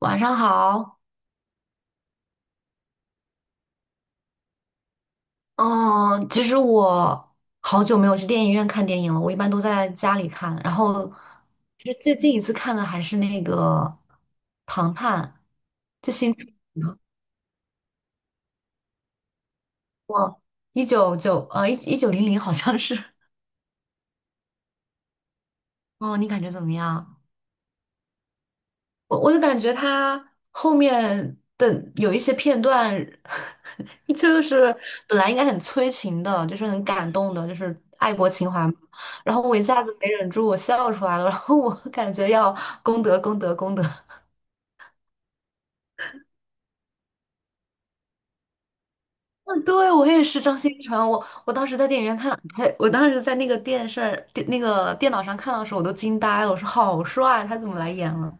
晚上好。嗯，其实我好久没有去电影院看电影了，我一般都在家里看。然后，其实最近一次看的还是那个《唐探》，就新出过一九零零好像是。哦，你感觉怎么样？我就感觉他后面的有一些片段，就是本来应该很催情的，就是很感动的，就是爱国情怀嘛。然后我一下子没忍住，我笑出来了。然后我感觉要功德功德功德。嗯，对，我也是张新成。我当时在电影院看，呸，我当时在那个电视电那个电脑上看到的时候，我都惊呆了。我说好帅，他怎么来演了？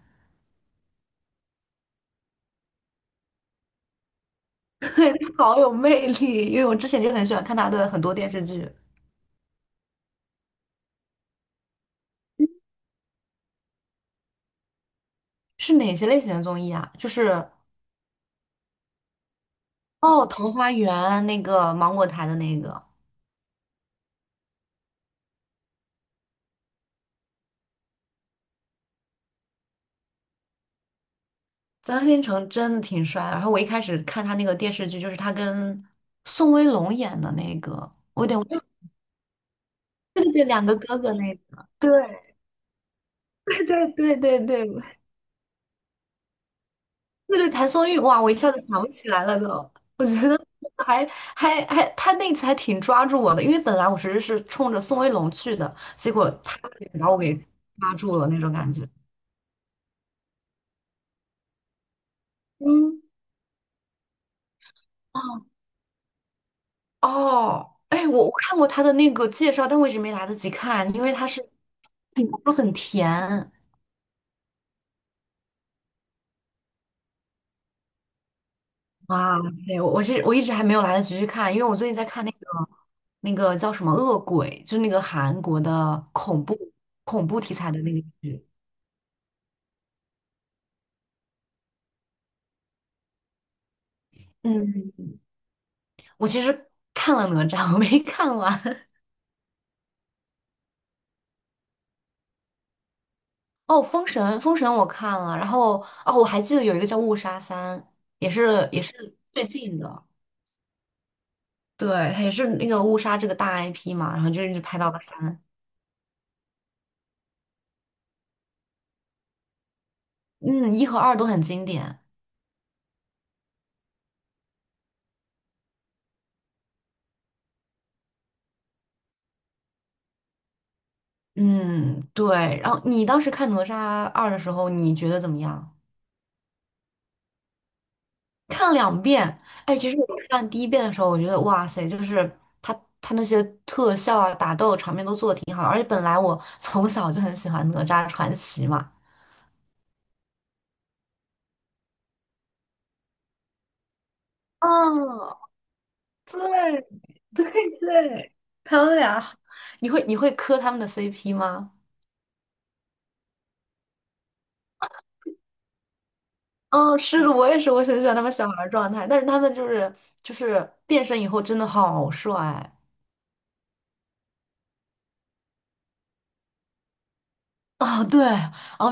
好有魅力，因为我之前就很喜欢看他的很多电视剧。是哪些类型的综艺啊？就是哦，桃花源那个芒果台的那个张新成真的挺帅的。然后我一开始看他那个电视剧，就是他跟宋威龙演的那个，对对对，两个哥哥那个，对 对对对对谭松韵，哇，我一下子想不起来了都。我觉得还还，他那次还挺抓住我的，因为本来我其实是冲着宋威龙去的，结果他给把我给抓住了那种感觉。嗯，哦，哎，我看过他的那个介绍，但我一直没来得及看，因为他是都很甜。哇塞，我一直还没有来得及去看，因为我最近在看那个叫什么《恶鬼》，就那个韩国的恐怖题材的那个剧。嗯，我其实看了哪吒，我没看完。哦，《封神》我看了，然后哦，我还记得有一个叫《误杀三》，也是最近的，对，它也是那个误杀这个大 IP 嘛，然后就一直拍到了三。嗯，一和二都很经典。嗯，对。然后你当时看《哪吒二》的时候，你觉得怎么样？看了两遍。哎，其实我看第一遍的时候，我觉得哇塞，就是他那些特效啊、打斗场面都做的挺好的。而且本来我从小就很喜欢《哪吒传奇》嘛。哦，对 对对，他们俩，你会磕他们的 CP 吗？哦，是的，我也是，我很喜欢他们。小孩儿状态，但是他们就是变身以后真的好帅。哦，对，哦，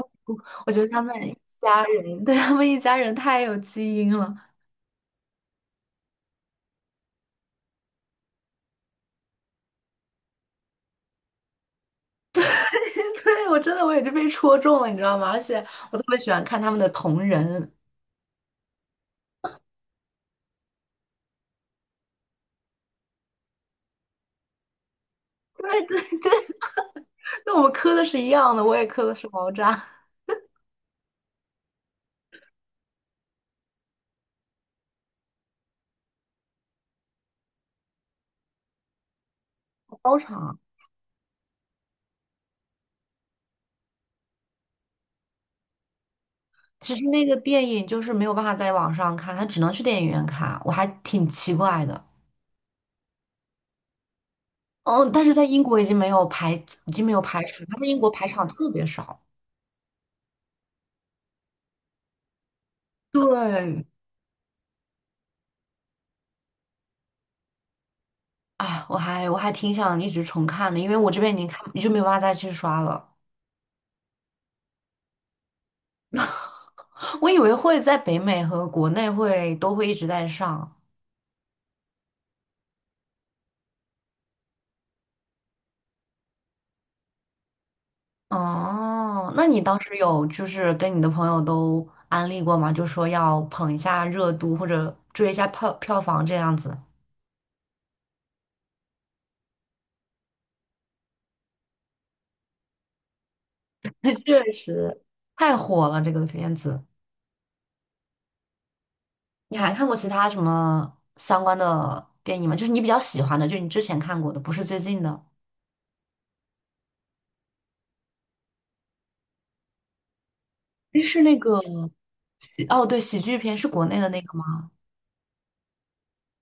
我觉得他们一家人，对，他们一家人太有基因了。对，我真的我也是被戳中了，你知道吗？而且我特别喜欢看他们的同人。对，那我们磕的是一样的，我也磕的是毛渣 包场。其实那个电影就是没有办法在网上看，它只能去电影院看，我还挺奇怪的。哦，但是在英国已经没有排，已经没有排场，他在英国排场特别少。对。啊，我还挺想一直重看的，因为我这边已经看就没有办法再去刷了。我以为会在北美和国内会都会一直在上。哦，那你当时有就是跟你的朋友都安利过吗？就说要捧一下热度或者追一下票票房这样子。确实太火了这个片子。你还看过其他什么相关的电影吗？就是你比较喜欢的，就你之前看过的，不是最近的。诶是那个。哦，对，喜剧片是国内的那个吗？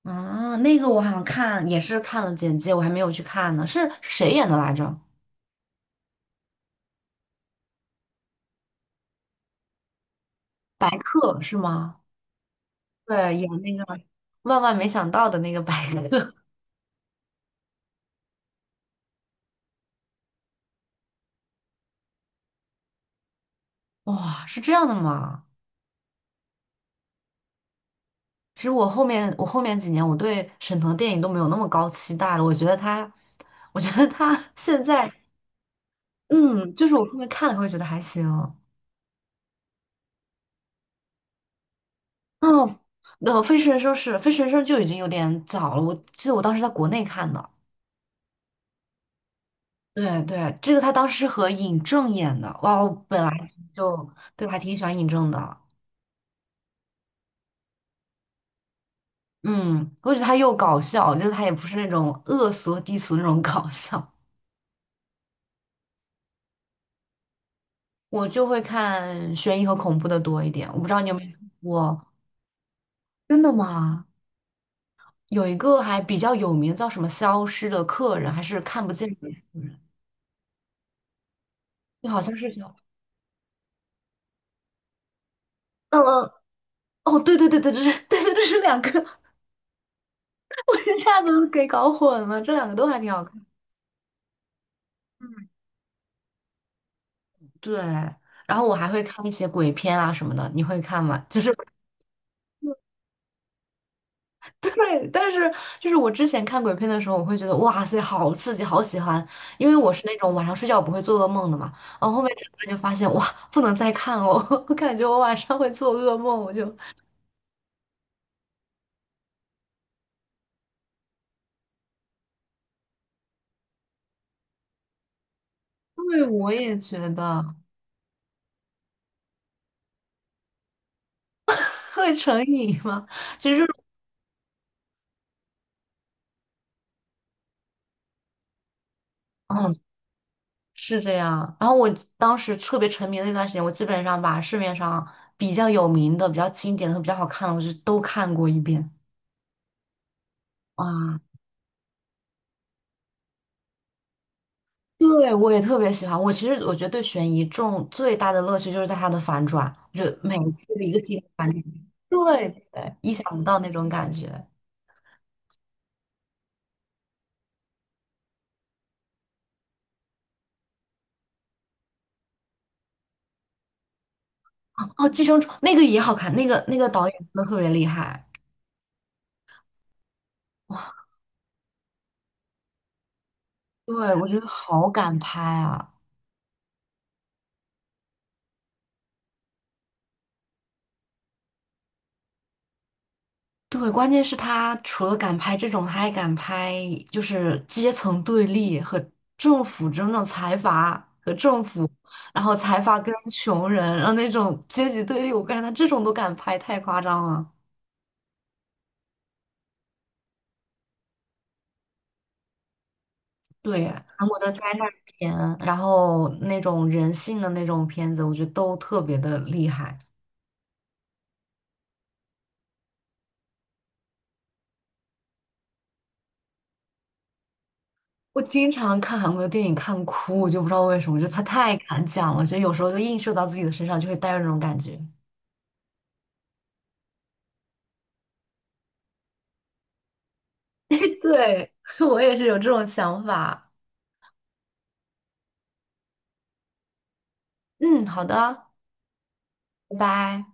啊，那个我好像看也是看了简介，我还没有去看呢。是谁演的来着？白客是吗？对，演那个万万没想到的那个白客。哇，是这样的吗？其实我后面几年我对沈腾电影都没有那么高期待了。我觉得他，我觉得他 现在，嗯，就是我后面看了会觉得还行。哦，那《飞驰人生》就已经有点早了，我记得我当时在国内看的。对对，这个他当时是和尹正演的，哇，我本来就对我还挺喜欢尹正的。嗯，我觉得他又搞笑，就是他也不是那种恶俗低俗那种搞笑。我就会看悬疑和恐怖的多一点，我不知道你有没有看过。真的吗？有一个还比较有名，叫什么《消失的客人》还是看不见的客人，就好像是叫，嗯嗯，哦，对对对，这是，这是两个，我一下子给搞混了，这两个都还挺好看。对，然后我还会看一些鬼片啊什么的，你会看吗？就是 对，但是就是我之前看鬼片的时候，我会觉得哇塞，好刺激，好喜欢，因为我是那种晚上睡觉不会做噩梦的嘛。然后后面长大就发现哇，不能再看了，我感觉我晚上会做噩梦，我就因为我也觉得会成瘾吗？嗯，是这样。然后我当时特别沉迷的那段时间，我基本上把市面上比较有名的、比较经典的、比较好看的，我就都看过一遍。哇，对，我也特别喜欢。我其实我觉得对悬疑中最大的乐趣就是在它的反转，就每一次的一个题材反转，对对，意想不到那种感觉。哦，《寄生虫》那个也好看，那个导演真的特别厉害。对，我觉得好敢拍啊！对，关键是他除了敢拍这种，他还敢拍就是阶层对立和政府这种财阀和政府，然后财阀跟穷人，然后那种阶级对立，我感觉他这种都敢拍，太夸张了。对，韩国的灾难片，然后那种人性的那种片子，我觉得都特别的厉害。我经常看韩国的电影看哭，我就不知道为什么，就他太敢讲了，就有时候就映射到自己的身上，就会带有那种感觉。对，我也是有这种想法。嗯，好的。拜拜。